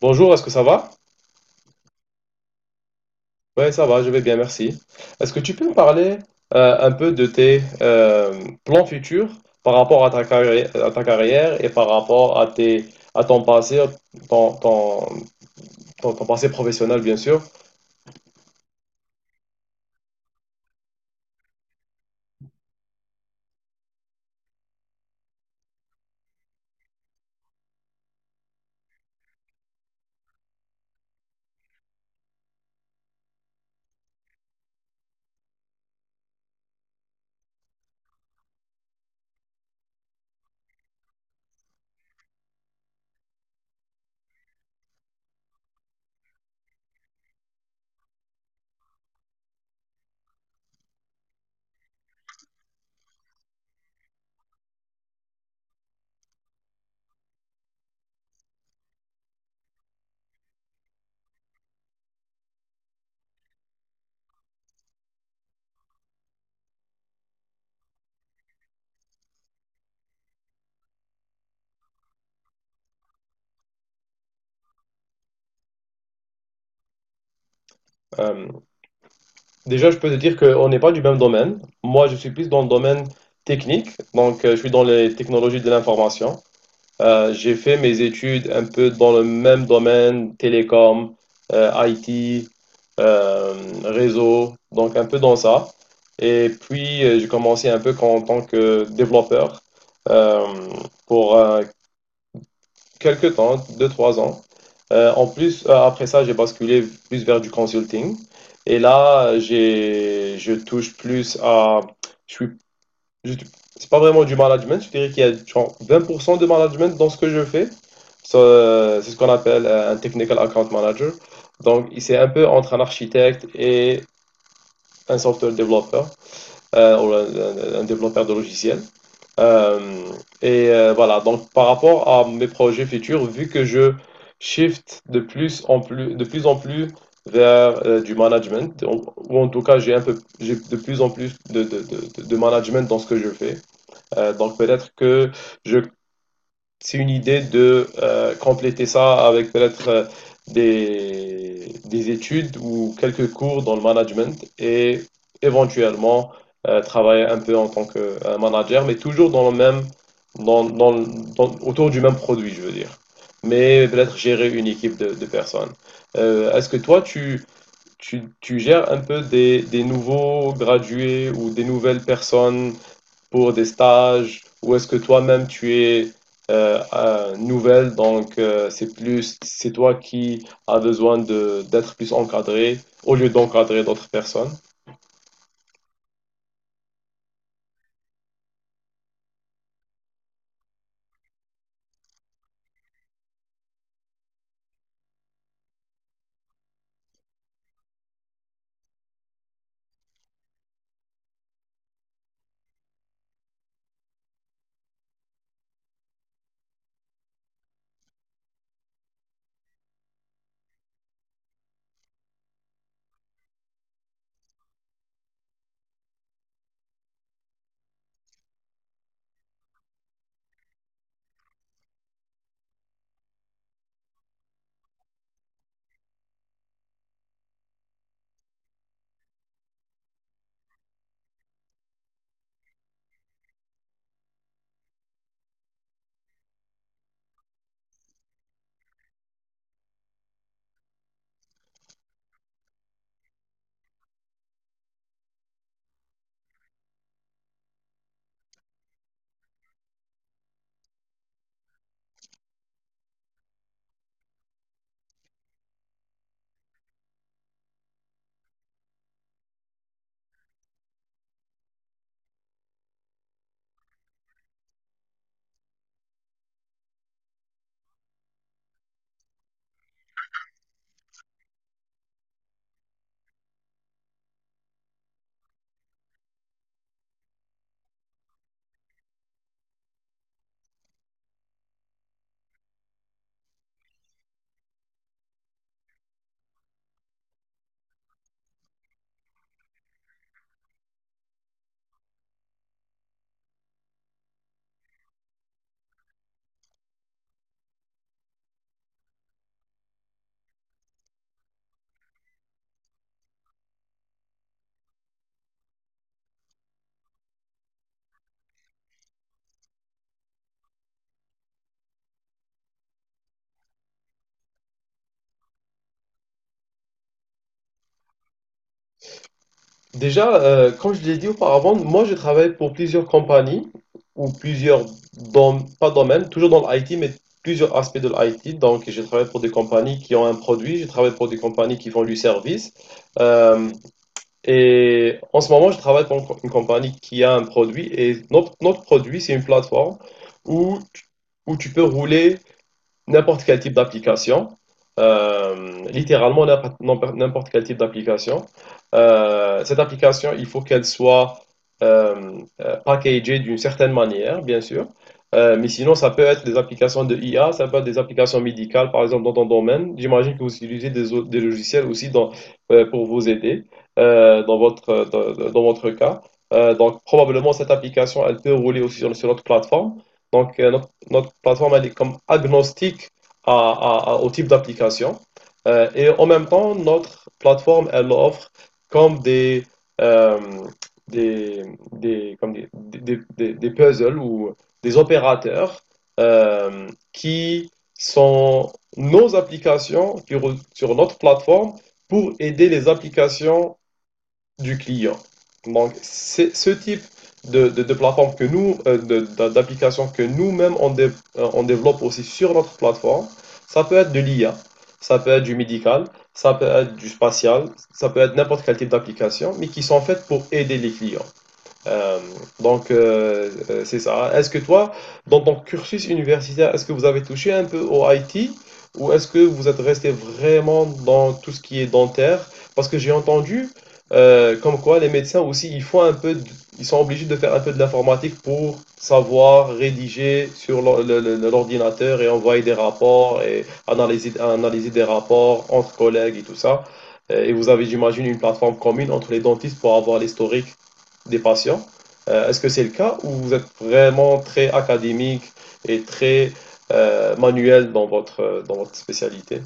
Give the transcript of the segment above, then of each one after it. Bonjour, est-ce que ça va? Oui, ça va, je vais bien, merci. Est-ce que tu peux me parler un peu de tes plans futurs par rapport à ta carrière et par rapport à tes, à ton passé, ton, ton, ton passé professionnel, bien sûr. Euh, Déjà, je peux te dire qu'on n'est pas du même domaine. Moi, je suis plus dans le domaine technique, donc je suis dans les technologies de l'information. J'ai fait mes études un peu dans le même domaine, télécom, IT, euh, réseau, donc un peu dans ça. Et puis, j'ai commencé un peu en tant que développeur euh, pour quelques temps, deux trois ans. Après ça, j'ai basculé plus vers du consulting. Et là, je touche plus à, je suis je- c'est pas vraiment du management, je dirais qu'il y a genre 20% de management dans ce que je fais. C'est ce qu'on appelle un technical account manager. Donc, c'est un peu entre un architecte et un software développeur, euh, ou un, un développeur de logiciel. Euh, voilà, donc par rapport à mes projets futurs, vu que je shift de plus en plus, de plus en plus vers du management, ou en tout cas j'ai un peu, j'ai de plus en plus de management dans ce que je fais. Donc peut-être que je, c'est une idée de compléter ça avec peut-être des études ou quelques cours dans le management et éventuellement travailler un peu en tant que manager, mais toujours dans le même, autour du même produit, je veux dire. Mais peut-être gérer une équipe de personnes. Est-ce que toi, tu gères un peu des nouveaux gradués ou des nouvelles personnes pour des stages ou est-ce que toi-même tu es nouvelle, donc c'est plus c'est toi qui as besoin de d'être plus encadré au lieu d'encadrer d'autres personnes. Déjà, comme je l'ai dit auparavant, moi je travaille pour plusieurs compagnies ou plusieurs pas domaines, toujours dans l'IT, mais plusieurs aspects de l'IT. Donc, je travaille pour des compagnies qui ont un produit, je travaille pour des compagnies qui font du service. Euh, Et en ce moment, je travaille pour une une compagnie qui a un produit et notre produit, c'est une plateforme où, tu- où tu peux rouler n'importe quel type d'application, littéralement n'importe quel type d'application. Cette application, il faut qu'elle soit packagée d'une certaine manière, bien sûr. Mais sinon, ça peut être des applications de IA, ça peut être des applications médicales, par exemple, dans ton domaine. J'imagine que vous utilisez des logiciels aussi pour vous aider dans dans votre cas. Donc, probablement, cette application, elle peut rouler aussi sur notre plateforme. Donc, notre plateforme, elle est comme agnostique au type d'application. Et en même temps, notre plateforme, elle offre comme des, euh, des, comme des puzzles ou des opérateurs qui sont nos applications sur notre plateforme pour aider les applications du client. Donc, c'est ce type de plateforme que d'application que on développe aussi sur notre plateforme, ça peut être de l'IA, ça peut être du médical, ça peut être du spatial, ça peut être n'importe quel type d'application, mais qui sont faites pour aider les clients. Euh, c'est ça. Est-ce que toi, dans ton cursus universitaire, est-ce que vous avez touché un peu au IT ou est-ce que vous êtes resté vraiment dans tout ce qui est dentaire? Parce que j'ai entendu comme quoi les médecins aussi, ils font un peu, ils sont obligés de faire un peu de l'informatique pour savoir rédiger sur l'ordinateur et envoyer des rapports et analyser des rapports entre collègues et tout ça. Et vous avez, j'imagine, une plateforme commune entre les dentistes pour avoir l'historique des patients. Est-ce que c'est le cas ou vous êtes vraiment très académique et très manuel dans dans votre spécialité?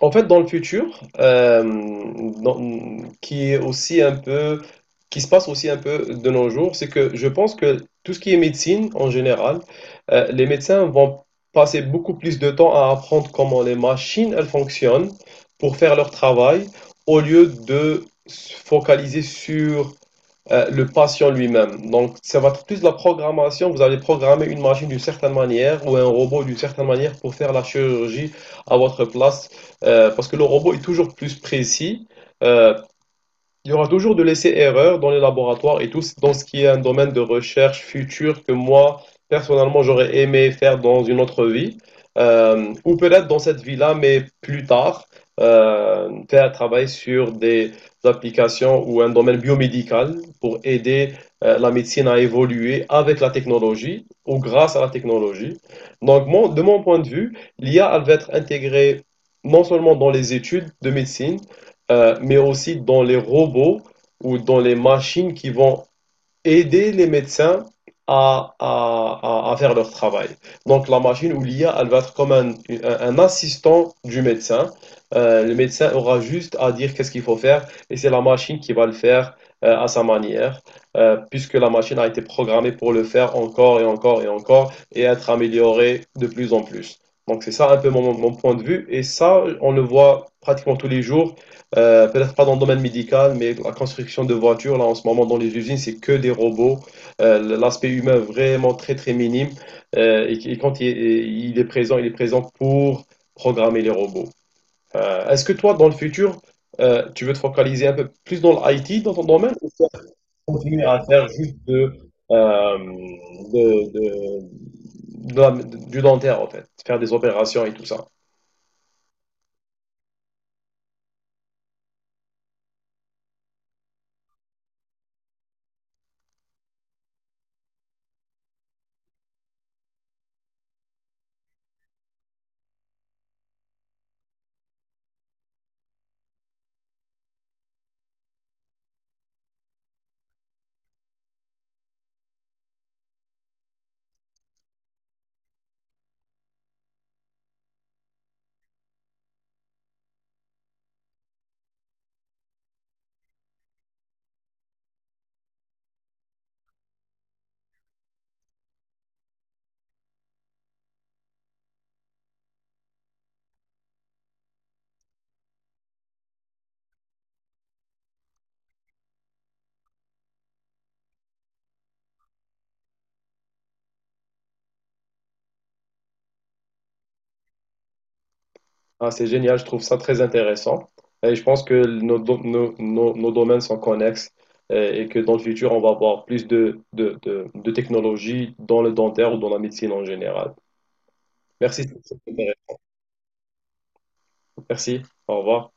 En fait, dans le futur, euh, dans- qui est aussi un peu, qui se passe aussi un peu de nos jours, c'est que je pense que tout ce qui est médecine en général, les médecins vont passer beaucoup plus de temps à apprendre comment les machines elles fonctionnent pour faire leur travail, au lieu de se focaliser sur le patient lui-même. Donc, ça va être plus de la programmation. Vous allez programmer une machine d'une certaine manière ou un robot d'une certaine manière pour faire la chirurgie à votre place. Parce que le robot est toujours plus précis. Euh, il y aura toujours de l'essai-erreur dans les laboratoires et tout, dans ce qui est un domaine de recherche future que moi, personnellement, j'aurais aimé faire dans une autre vie, ou peut-être dans cette vie-là, mais plus tard, faire un travail sur des applications ou un domaine biomédical pour aider la médecine à évoluer avec la technologie ou grâce à la technologie. Donc, de mon point de vue, l'IA, elle va être intégrée non seulement dans les études de médecine, mais aussi dans les robots ou dans les machines qui vont aider les médecins à, à- à faire leur travail. Donc la machine ou l'IA, elle va être comme un assistant du médecin. Le médecin aura juste à dire qu'est-ce qu'il faut faire et c'est la machine qui va le faire à sa manière, puisque la machine a été programmée pour le faire encore et encore et encore et être améliorée de plus en plus. Donc c'est ça un peu mon point de vue et ça, on le voit pratiquement tous les jours peut-être pas dans le domaine médical, mais la construction de voitures, là, en ce moment, dans les usines, c'est que des robots. L'aspect humain vraiment très, très minime. Et quand il est présent pour programmer les robots. Est-ce que toi, dans le futur, tu veux te focaliser un peu plus dans l'IT, dans ton domaine, ou tu vas continuer à faire juste euh, de, de- de du dentaire, en fait, faire des opérations et tout ça? Ah, c'est génial, je trouve ça très intéressant. Et je pense que nos, do- nos, nos, nos domaines sont connexes et que dans le futur, on va avoir plus de technologies dans le dentaire ou dans la médecine en général. Merci. Merci. Au revoir.